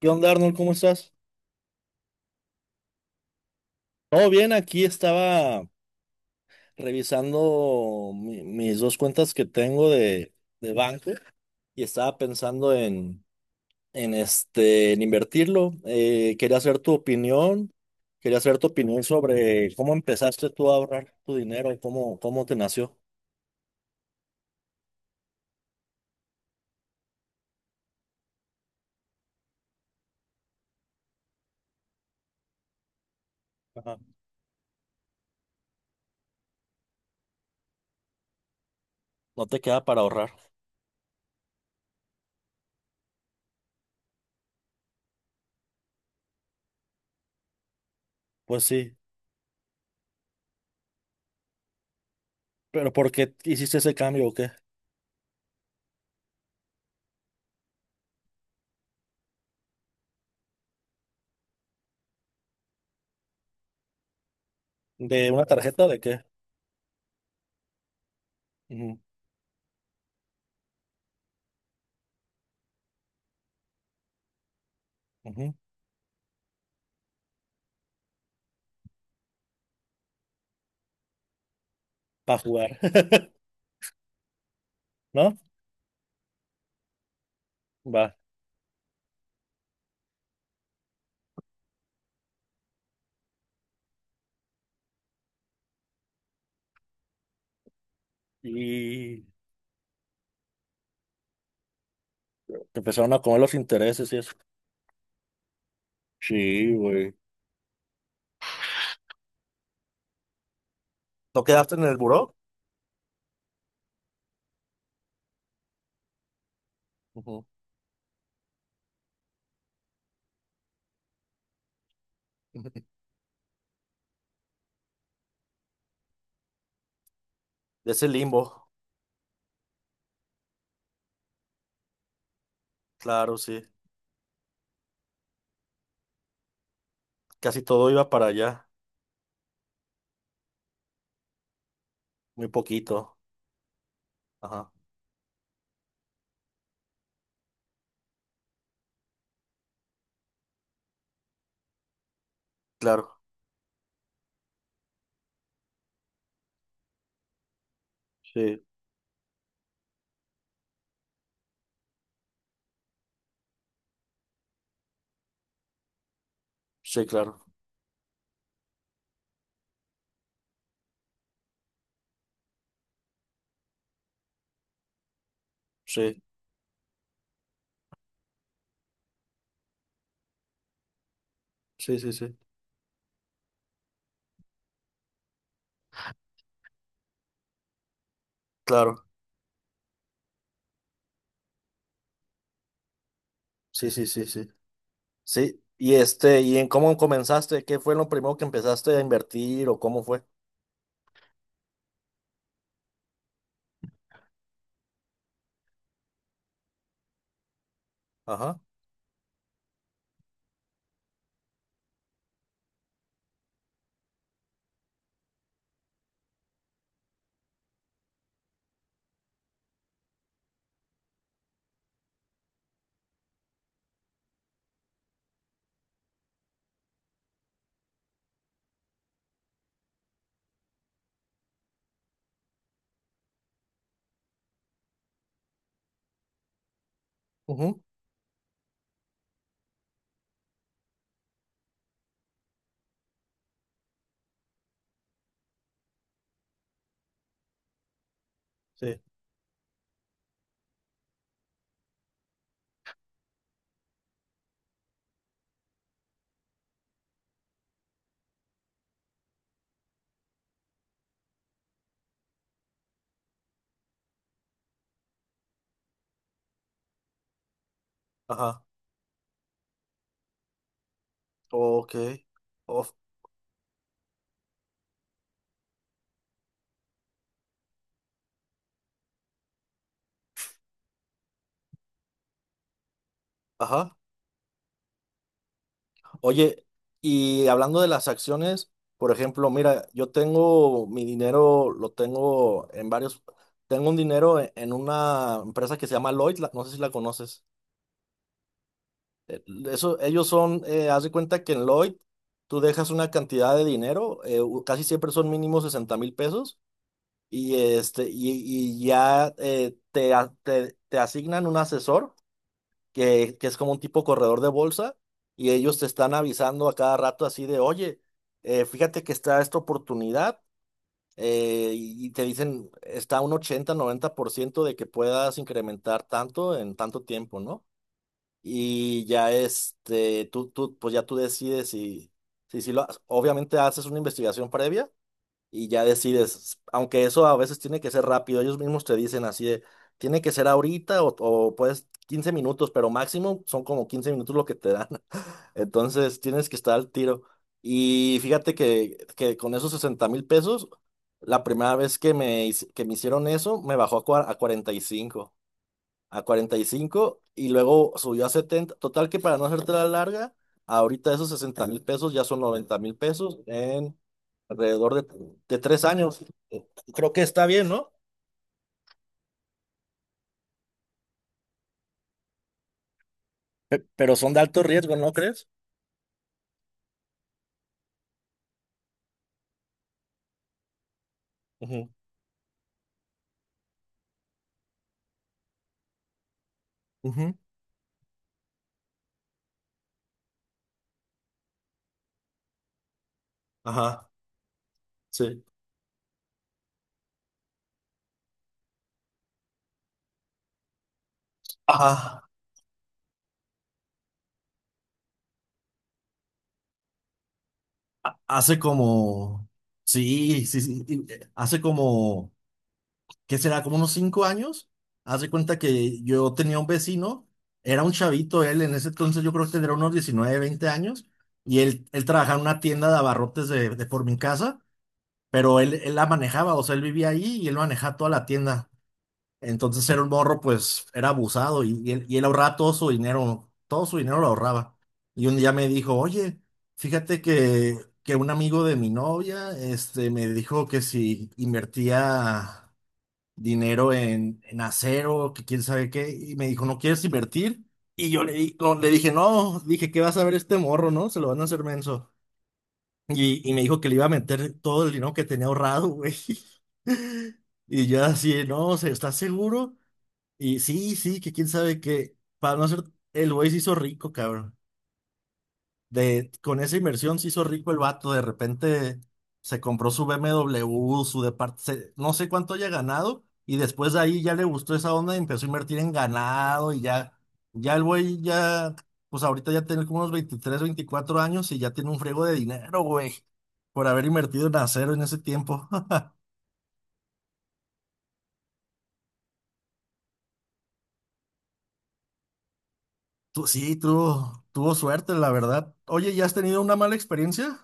¿Qué onda, Arnold? ¿Cómo estás? Todo bien, aquí estaba revisando mis dos cuentas que tengo de banco y estaba pensando en invertirlo. Quería hacer tu opinión sobre cómo empezaste tú a ahorrar tu dinero, cómo te nació. Ajá. ¿No te queda para ahorrar? Pues sí, pero ¿por qué hiciste ese cambio o qué? ¿De una tarjeta o de qué? Para jugar, ¿no? Va. Y que empezaron a comer los intereses y eso. Sí, güey. ¿No quedaste en el buró? Ujú. De ese limbo. Claro, sí. Casi todo iba para allá. Muy poquito. Ajá. Claro. Sí. Sí, claro. Sí. Sí, sí, sí. Claro. Sí, sí, sí, sí. Sí. ¿Y en cómo comenzaste? ¿Qué fue lo primero que empezaste a invertir o cómo fue? Ajá. Ujú. Sí. Ajá. Ok. Of- Ajá. Oye, y hablando de las acciones, por ejemplo, mira, yo tengo mi dinero, lo tengo en varios, tengo un dinero en una empresa que se llama Lloyd, no sé si la conoces. Eso, ellos son, haz de cuenta que en Lloyd tú dejas una cantidad de dinero, casi siempre son mínimo 60,000 pesos, y ya te asignan un asesor que es como un tipo corredor de bolsa, y ellos te están avisando a cada rato así de, oye, fíjate que está esta oportunidad, y te dicen, está un 80-90% de que puedas incrementar tanto en tanto tiempo, ¿no? Y ya tú, pues ya tú decides si, si lo, obviamente haces una investigación previa y ya decides, aunque eso a veces tiene que ser rápido, ellos mismos te dicen así de, tiene que ser ahorita o puedes 15 minutos, pero máximo son como 15 minutos lo que te dan, entonces tienes que estar al tiro. Y fíjate que con esos 60,000 pesos, la primera vez que me hicieron eso, me bajó a, cua- a 45 a cuarenta y cinco y luego subió a 70 total que para no hacerte la larga, ahorita esos 60 mil pesos ya son 90,000 pesos alrededor de 3 años. Eh, Creo que está bien, ¿no? Pero son de alto riesgo, ¿no crees? Ujú. Ujú, Ajá, sí. Ajá, hace como, sí, sí, sí, y, hace como, ¿qué será? Como unos 5 años. Hace cuenta que yo tenía un vecino, era un chavito él, en ese entonces yo creo que tendría unos 19 20 años, y él trabajaba en una tienda de abarrotes de por mi casa, pero él la manejaba, o sea, él vivía ahí y él manejaba toda la tienda. Entonces era un morro, pues era abusado y, y él ahorraba todo su dinero lo ahorraba. Y un día me dijo, oye, fíjate que un amigo de mi novia, este, me dijo que si invertía dinero en acero, que quién sabe qué, y me dijo, ¿no quieres invertir? Y yo le, no, le dije, no, dije, ¿qué vas a ver este morro, no? Se lo van a hacer menso. Y me dijo que le iba a meter todo el dinero que tenía ahorrado, güey. Y yo así, no, o sea, ¿estás seguro? Y sí, sí, que quién sabe que, para no ser, el güey se hizo rico, cabrón. Con esa inversión se hizo rico el vato, de repente se compró su BMW, su departamento, no sé cuánto haya ganado, y después de ahí ya le gustó esa onda y empezó a invertir en ganado y ya, ya el güey ya, pues ahorita ya tiene como unos 23 24 años y ya tiene un friego de dinero, güey, por haber invertido en acero en ese tiempo. Tú, sí, tuvo suerte, la verdad. Oye, ¿ya has tenido una mala experiencia?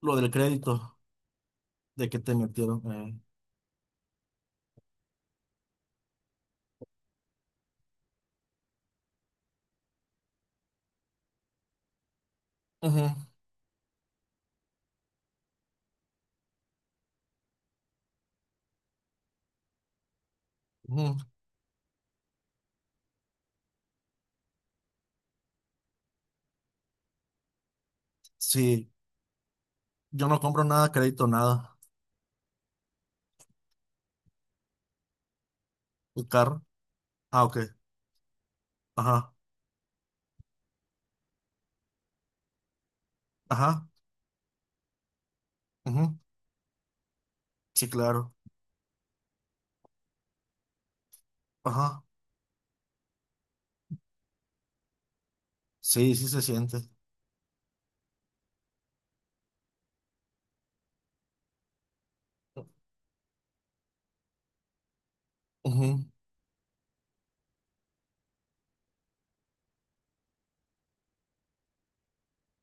Lo del crédito, de que te metieron. Ujú, ujú. Sí, yo no compro nada, crédito, nada. El carro. Ah, ok. Ajá, ajá. Ujú. Sí, claro. Ajá. Sí, sí se siente. Ujú,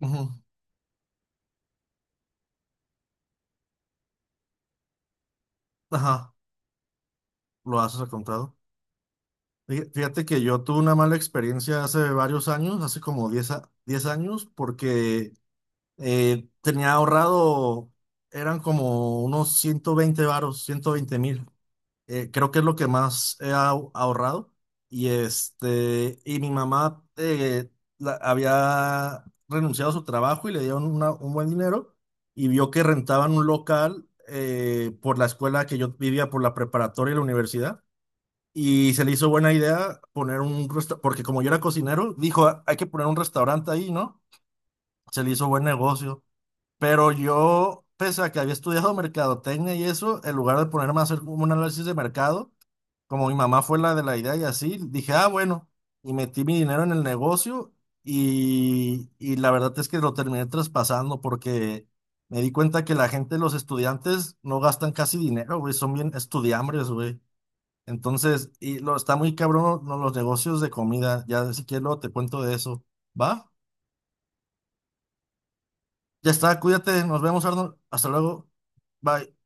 ujú. Ajá. Lo has comprado. Fíjate que yo tuve una mala experiencia hace varios años, hace como 10 años, porque tenía ahorrado, eran como unos 120 varos, 120,000. Creo que es lo que más he ahorrado. Y mi mamá había renunciado a su trabajo y le dieron un buen dinero y vio que rentaban un local por la escuela que yo vivía, por la preparatoria y la universidad. Y se le hizo buena idea poner un restaurante, porque como yo era cocinero, dijo, "Ah, hay que poner un restaurante ahí, ¿no? Se le hizo buen negocio. Pero yo, pese a que había estudiado mercadotecnia y eso, en lugar de ponerme a hacer como un análisis de mercado, como mi mamá fue la de la idea y así, dije, ah, bueno, y metí mi dinero en el negocio y la verdad es que lo terminé traspasando porque me di cuenta que la gente, los estudiantes, no gastan casi dinero, güey, son bien estudiambres, güey. Entonces, está muy cabrón ¿no? Los negocios de comida, ya si quieres luego te cuento de eso, ¿va? Ya está, cuídate, nos vemos, Arnold, hasta luego, bye.